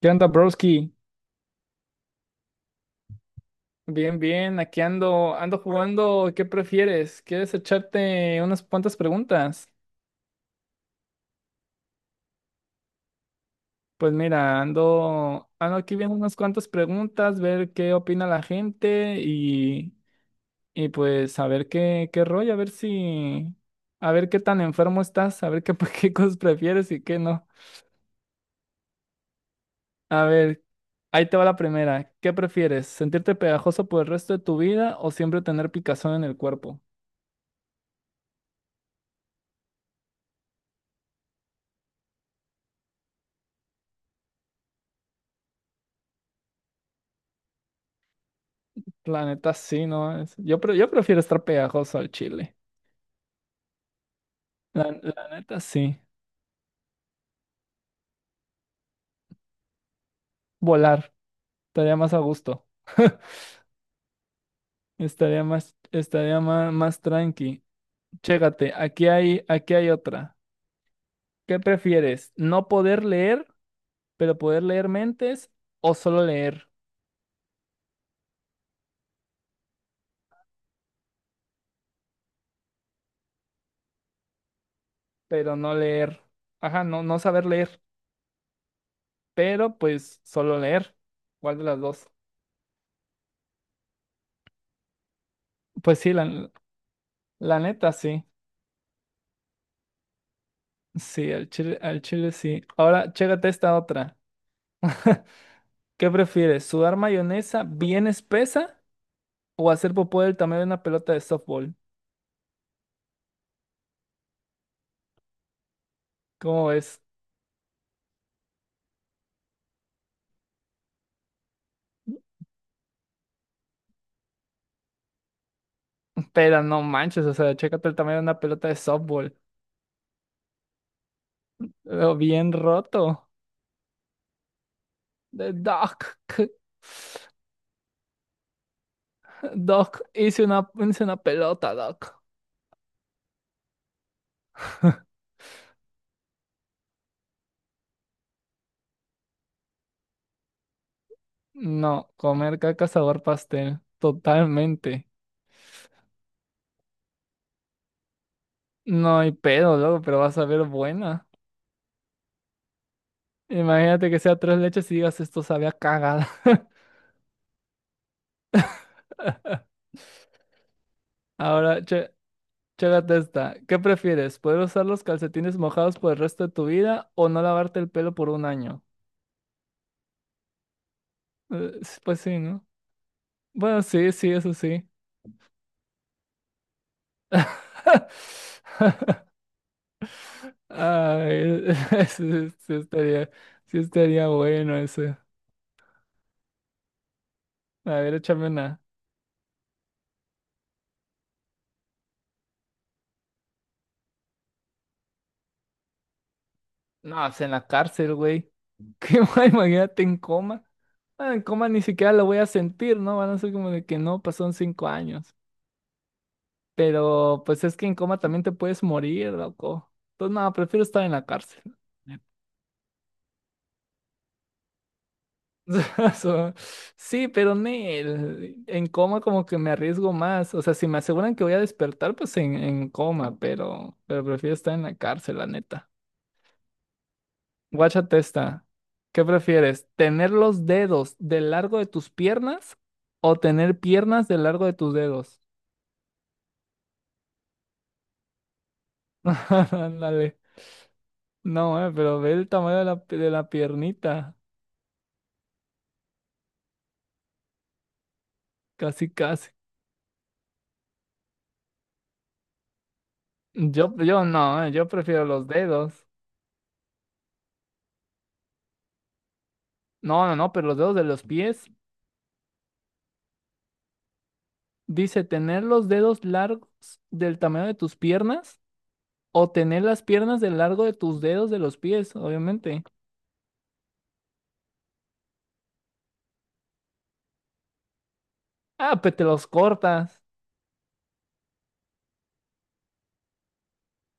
¿Qué onda, broski? Bien, bien, aquí ando, jugando. ¿Qué prefieres? ¿Quieres echarte unas cuantas preguntas? Pues mira, ando, aquí viendo unas cuantas preguntas, ver qué opina la gente y pues a ver qué, rollo, a ver si, a ver qué tan enfermo estás, a ver qué, qué cosas prefieres y qué no. A ver, ahí te va la primera. ¿Qué prefieres? ¿Sentirte pegajoso por el resto de tu vida o siempre tener picazón en el cuerpo? La neta sí, ¿no? Yo, yo prefiero estar pegajoso al chile. La neta sí. Volar. Estaría más a gusto. Estaría más, más tranqui. Chécate, aquí hay otra. ¿Qué prefieres? ¿No poder leer, pero poder leer mentes? ¿O solo leer, pero no leer? Ajá, no, saber leer, pero pues solo leer. ¿Cuál de las dos? Pues sí, la neta sí. Sí, al chile sí. Ahora, chécate esta otra. ¿Qué prefieres? ¿Sudar mayonesa bien espesa o hacer popó del tamaño de una pelota de softball? ¿Cómo es? Pero no manches, o sea, chécate el tamaño de una pelota de softball. Pero bien roto. De Doc. c- Doc, hice una pelota, Doc. No, comer caca sabor pastel. Totalmente. No hay pedo, loco, pero vas a ver buena. Imagínate que sea tres leches y digas esto sabía cagada. Ahora, che, Chécate esta. ¿Qué prefieres? ¿Poder usar los calcetines mojados por el resto de tu vida o no lavarte el pelo por un año? Pues sí, ¿no? Bueno, sí, sí, eso sí. Ay, sí, sí estaría bueno ese. A ver, échame una. No, pues en la cárcel, güey. ¿Qué más? Imagínate en coma. Ah, en coma ni siquiera lo voy a sentir, ¿no? Van a ser como de que no, pasaron 5 años. Pero pues es que en coma también te puedes morir, loco. Entonces, no, prefiero estar en la cárcel. So, Sí, pero nel, en coma como que me arriesgo más. O sea, si me aseguran que voy a despertar, pues en, coma, pero, prefiero estar en la cárcel, la neta. Guáchate esta. ¿Qué prefieres? ¿Tener los dedos del largo de tus piernas o tener piernas del largo de tus dedos? Ándale. No, pero ve el tamaño de la piernita. Casi, casi. Yo, no, yo prefiero los dedos. No, no, no, pero los dedos de los pies. Dice, tener los dedos largos del tamaño de tus piernas o tener las piernas del largo de tus dedos de los pies, obviamente. Ah, pues te los cortas,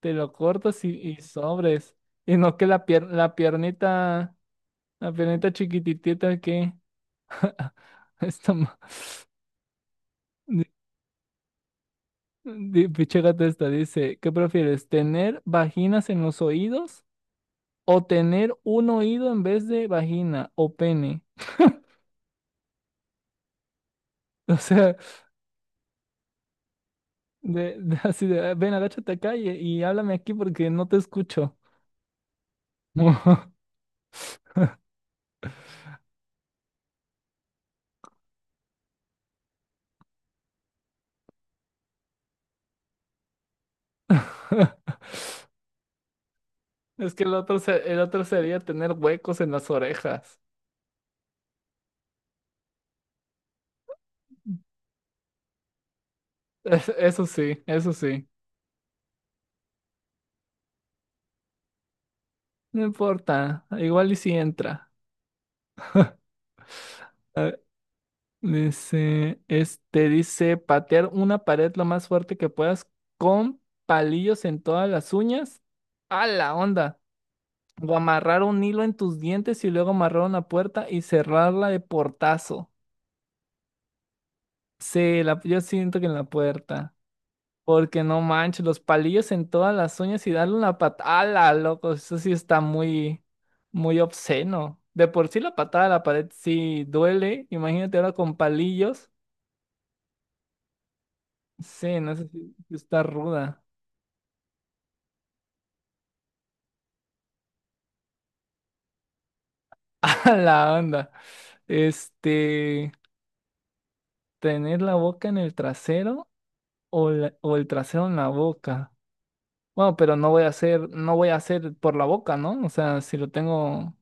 te lo cortas y sobres. Y no que la la piernita chiquititita que... está ma- di- di- Pinche gata esta dice, ¿qué prefieres? ¿Tener vaginas en los oídos? O tener un oído en vez de vagina o pene. O sea, de, así de, "Ah, ven, agáchate acá y háblame aquí porque no te escucho". Es que el otro, el otro sería tener huecos en las orejas. Eso sí, eso sí. No importa, igual y si entra. A ver, dice, dice patear una pared lo más fuerte que puedas con palillos en todas las uñas. A la onda. O amarrar un hilo en tus dientes y luego amarrar una puerta y cerrarla de portazo. Sí, la, yo siento que en la puerta. Porque no manches, los palillos en todas las uñas y darle una patada, loco. Eso sí está muy, muy obsceno. De por sí la patada a la pared sí duele. Imagínate ahora con palillos. Sí, no sé si está ruda. La onda. Este, Tener la boca en el trasero o, o el trasero en la boca. Bueno, pero no voy a hacer, no voy a hacer por la boca, ¿no? O sea, si lo tengo,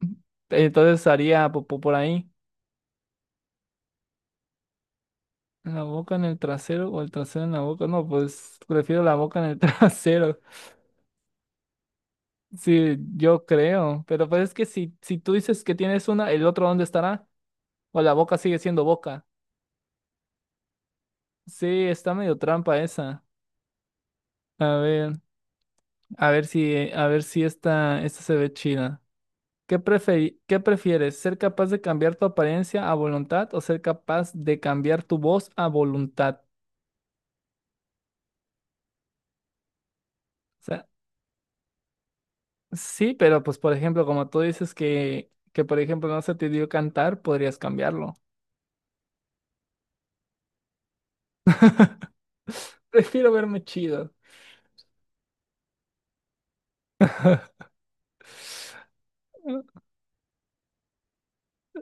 entonces haría popó por ahí. ¿En la boca, en el trasero o el trasero en la boca? No, pues prefiero la boca en el trasero. Sí, yo creo. Pero pues es que si, si tú dices que tienes una, ¿el otro dónde estará? O la boca sigue siendo boca. Sí, está medio trampa esa. A ver, a ver si esta, se ve chida. ¿Qué prefieres? ¿Ser capaz de cambiar tu apariencia a voluntad o ser capaz de cambiar tu voz a voluntad? O sea, sí, pero pues por ejemplo, como tú dices que, por ejemplo no se te dio cantar, podrías cambiarlo. Prefiero verme chido.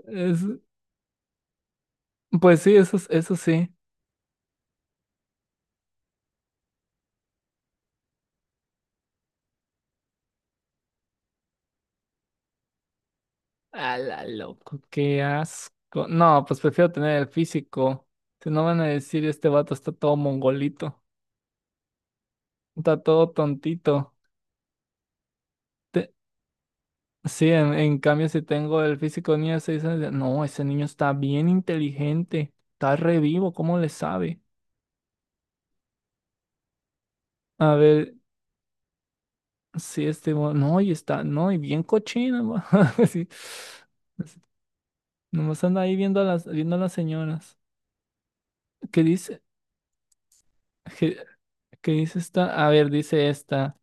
Es- pues sí, eso, eso sí. A la loco, qué asco. No, pues prefiero tener el físico. Si no van a decir, este vato está todo mongolito, está todo tontito. Te- Sí, en, cambio, si tengo el físico niño de 6 años, no, ese niño está bien inteligente, está revivo, ¿cómo le sabe? A ver, sí no, y está, no, y bien cochino, sí, nomás anda ahí viendo a las señoras. ¿Qué dice? ¿Qué, dice esta? A ver, dice esta.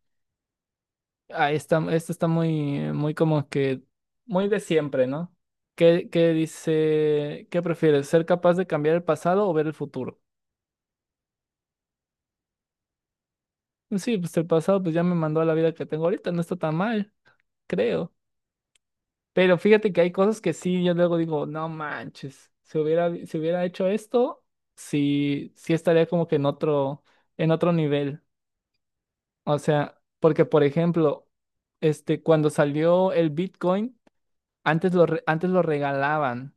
Ah, esta, está muy, muy como que, muy de siempre, ¿no? ¿Qué, dice? ¿Qué prefieres, ser capaz de cambiar el pasado o ver el futuro? Sí, pues el pasado pues ya me mandó a la vida que tengo ahorita, no está tan mal, creo. Pero fíjate que hay cosas que sí, yo luego digo, no manches, si hubiera, si hubiera hecho esto, sí, sí estaría como que en otro nivel. O sea, porque por ejemplo, cuando salió el Bitcoin, antes lo, antes lo regalaban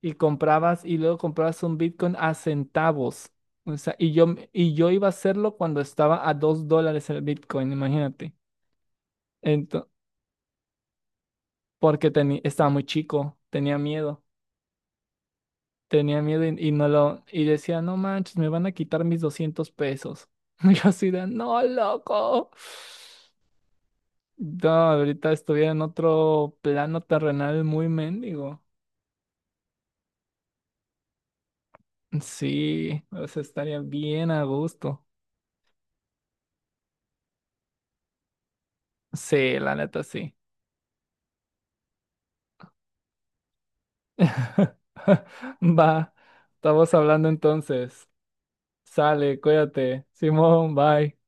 y comprabas y luego comprabas un Bitcoin a centavos. O sea, y yo iba a hacerlo cuando estaba a $2 el Bitcoin, imagínate. Ento- Porque estaba muy chico, tenía miedo y no lo, y decía, no manches, me van a quitar mis 200 pesos. Y yo así de, no, loco. No, ahorita estuviera en otro plano terrenal muy mendigo. Sí, o sea, estaría bien a gusto. Sí, la neta, sí. Va, estamos hablando entonces. Sale, cuídate. Simón, bye.